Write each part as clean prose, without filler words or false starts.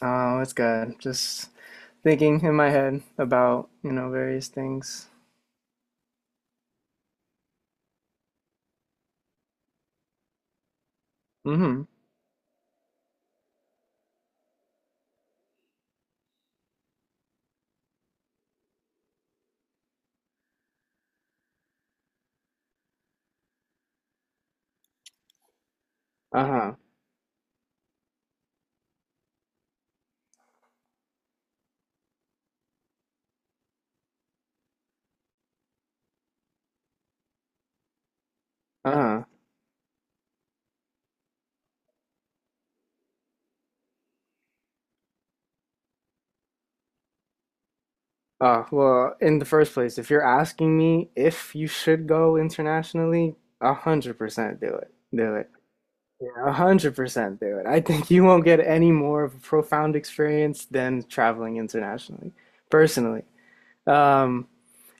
Oh, it's good. Just thinking in my head about, you know, various things. Mm-hmm. Uh-huh. Uh-huh. Well, in the first place, if you're asking me if you should go internationally, 100% do it. Do it. Yeah, 100% do it. I think you won't get any more of a profound experience than traveling internationally, personally. Um,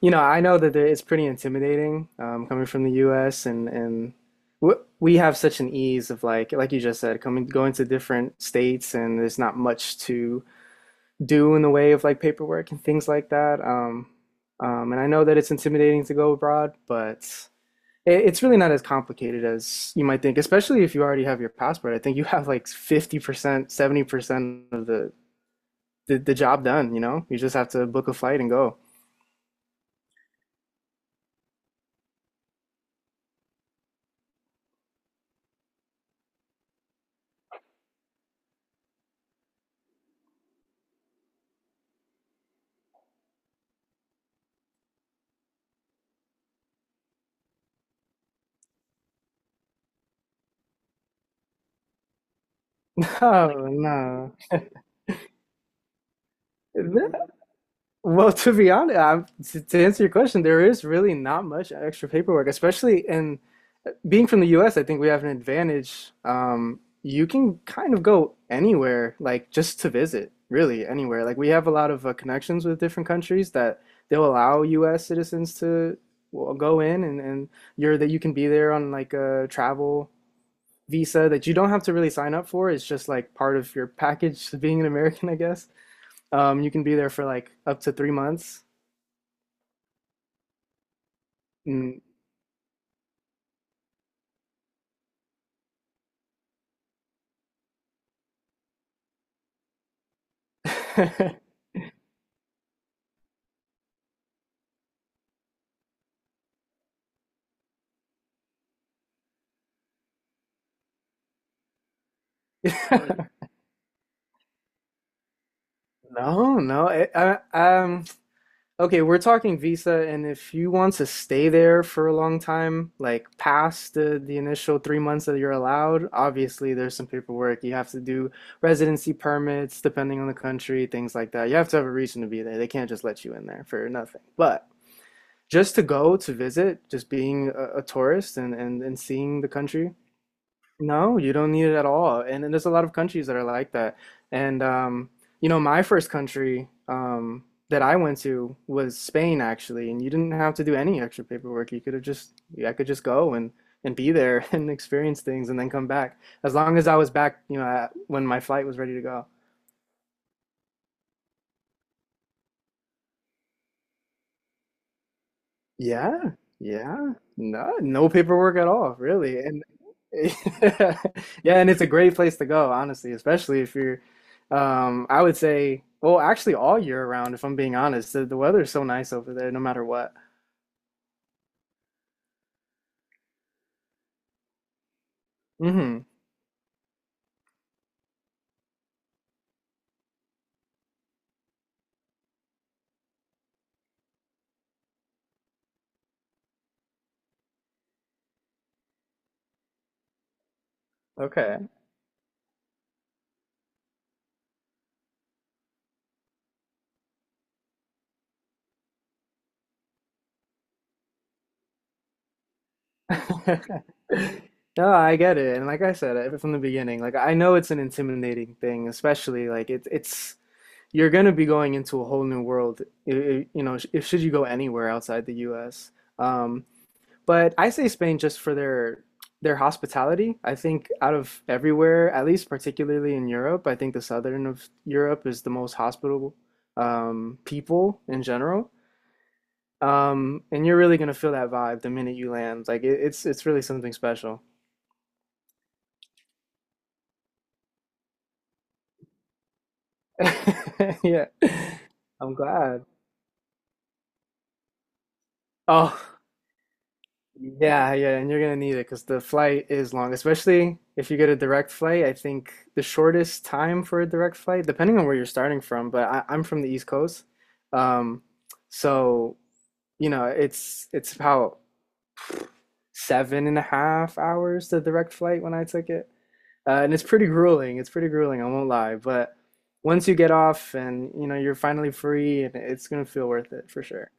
I know that it's pretty intimidating coming from the U.S. and we have such an ease of like you just said, coming going to different states, and there's not much to do in the way of like paperwork and things like that. And I know that it's intimidating to go abroad, but it's really not as complicated as you might think, especially if you already have your passport. I think you have like 50%, 70% of the job done, you know? You just have to book a flight and go. No, no. Well, to be honest, to answer your question, there is really not much extra paperwork, especially in being from the US. I think we have an advantage. You can kind of go anywhere, like just to visit, really anywhere. Like we have a lot of connections with different countries that they'll allow US citizens to, well, go in, and you're that you can be there on like a travel visa that you don't have to really sign up for. It's just like part of your package to being an American, I guess. You can be there for like up to 3 months. Mm. No, no. Okay, we're talking visa, and if you want to stay there for a long time, like past the initial 3 months that you're allowed, obviously there's some paperwork. You have to do residency permits, depending on the country, things like that. You have to have a reason to be there. They can't just let you in there for nothing. But just to go to visit, just being a tourist and seeing the country. No, you don't need it at all. And there's a lot of countries that are like that. And You know, my first country, that I went to was Spain, actually. And you didn't have to do any extra paperwork. You could have just, I could just go and be there and experience things and then come back. As long as I was back, you know, when my flight was ready to go. Yeah, yeah. No, no paperwork at all, really. And yeah, and it's a great place to go, honestly, especially if you're I would say, well, actually all year round, if I'm being honest. The weather is so nice over there no matter what. Hmm. Okay. No, I get it. And like I said, from the beginning, like I know it's an intimidating thing, especially like it's you're gonna be going into a whole new world. You know, if should you go anywhere outside the US. Um, But I say Spain just for their hospitality. I think out of everywhere, at least particularly in Europe, I think the southern of Europe is the most hospitable, people in general. And you're really gonna feel that vibe the minute you land. It's really something special. Yeah, I'm glad. Oh. Yeah, yeah, and you're gonna need it because the flight is long, especially if you get a direct flight. I think the shortest time for a direct flight, depending on where you're starting from, but I'm from the East Coast. um, so you know it's about seven and a half hours the direct flight when I took it. And it's pretty grueling. It's pretty grueling, I won't lie, but once you get off and you know you're finally free, and it's gonna feel worth it for sure.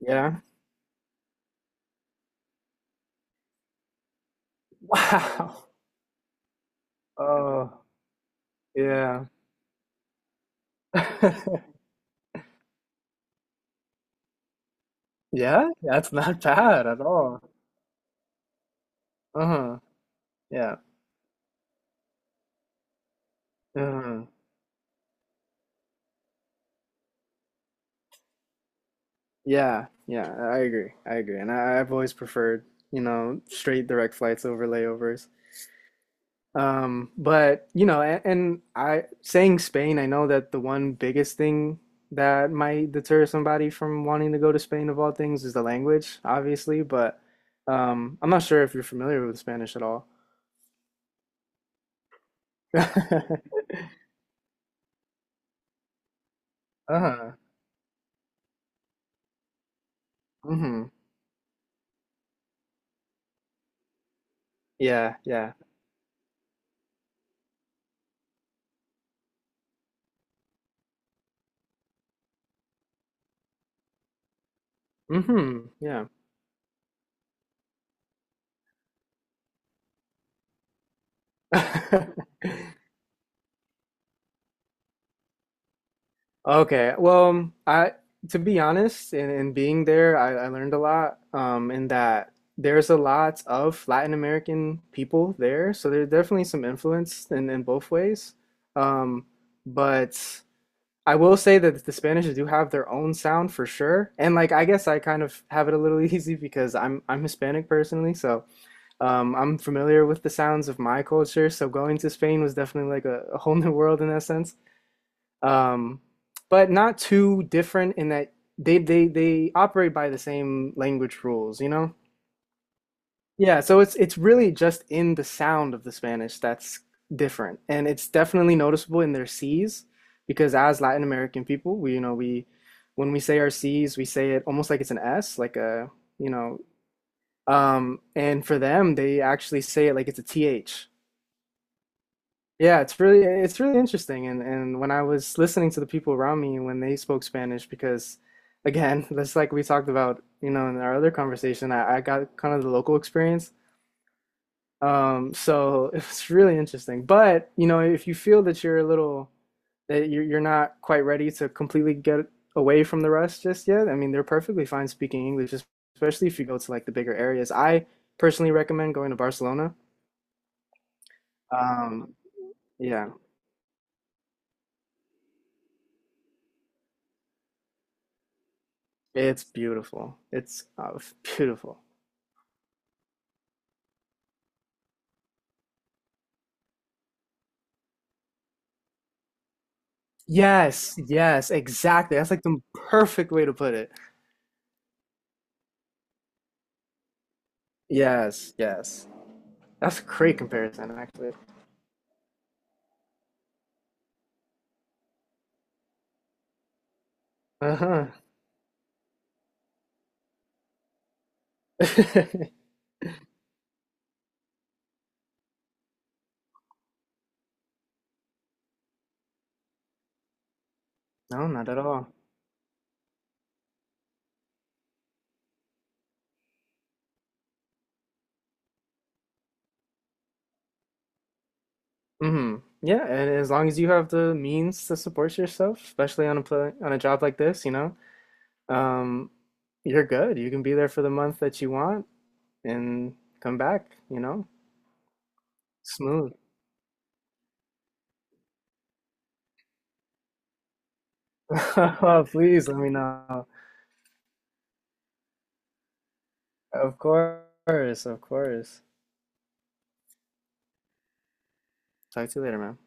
Yeah. Wow. Oh, yeah. Yeah, that's not bad at all. Uh-huh. Yeah. Uh-huh. Yeah. Yeah. I agree. I agree. I've always preferred, you know, straight direct flights over layovers. But you know, and I saying Spain, I know that the one biggest thing that might deter somebody from wanting to go to Spain of all things is the language, obviously, but I'm not sure if you're familiar with Spanish at all. Uh-huh. Mm-hmm. Yeah, yeah. Mm-hmm. Yeah. Okay. Well, I To be honest, in being there, I learned a lot. In that there's a lot of Latin American people there, so there's definitely some influence in both ways. Um, but I will say that the Spanish do have their own sound for sure. And like I guess I kind of have it a little easy because I'm Hispanic personally, so I'm familiar with the sounds of my culture. So going to Spain was definitely like a whole new world in that sense. um, but not too different in that they operate by the same language rules, you know? Yeah, so it's really just in the sound of the Spanish that's different, and it's definitely noticeable in their C's, because as Latin American people, we you know we when we say our C's, we say it almost like it's an S, like a you know, and for them, they actually say it like it's a TH. Yeah, it's really interesting. And when I was listening to the people around me when they spoke Spanish, because again, that's like we talked about, you know, in our other conversation, I got kind of the local experience. So it's really interesting. But, you know, if you feel that you're a little, that you're not quite ready to completely get away from the rest just yet, I mean, they're perfectly fine speaking English, especially if you go to like the bigger areas. I personally recommend going to Barcelona. Um, yeah. It's beautiful. It's beautiful. Yes, yes, exactly. That's like the perfect way to put it. Yes, yes. That's a great comparison, actually. Uh-huh. No, not at all. Hmm. Yeah, and as long as you have the means to support yourself, especially on a pla on a job like this, you know, um, you're good. You can be there for the month that you want and come back, you know, smooth. Please let me know. Of course, of course. Talk to you later, man.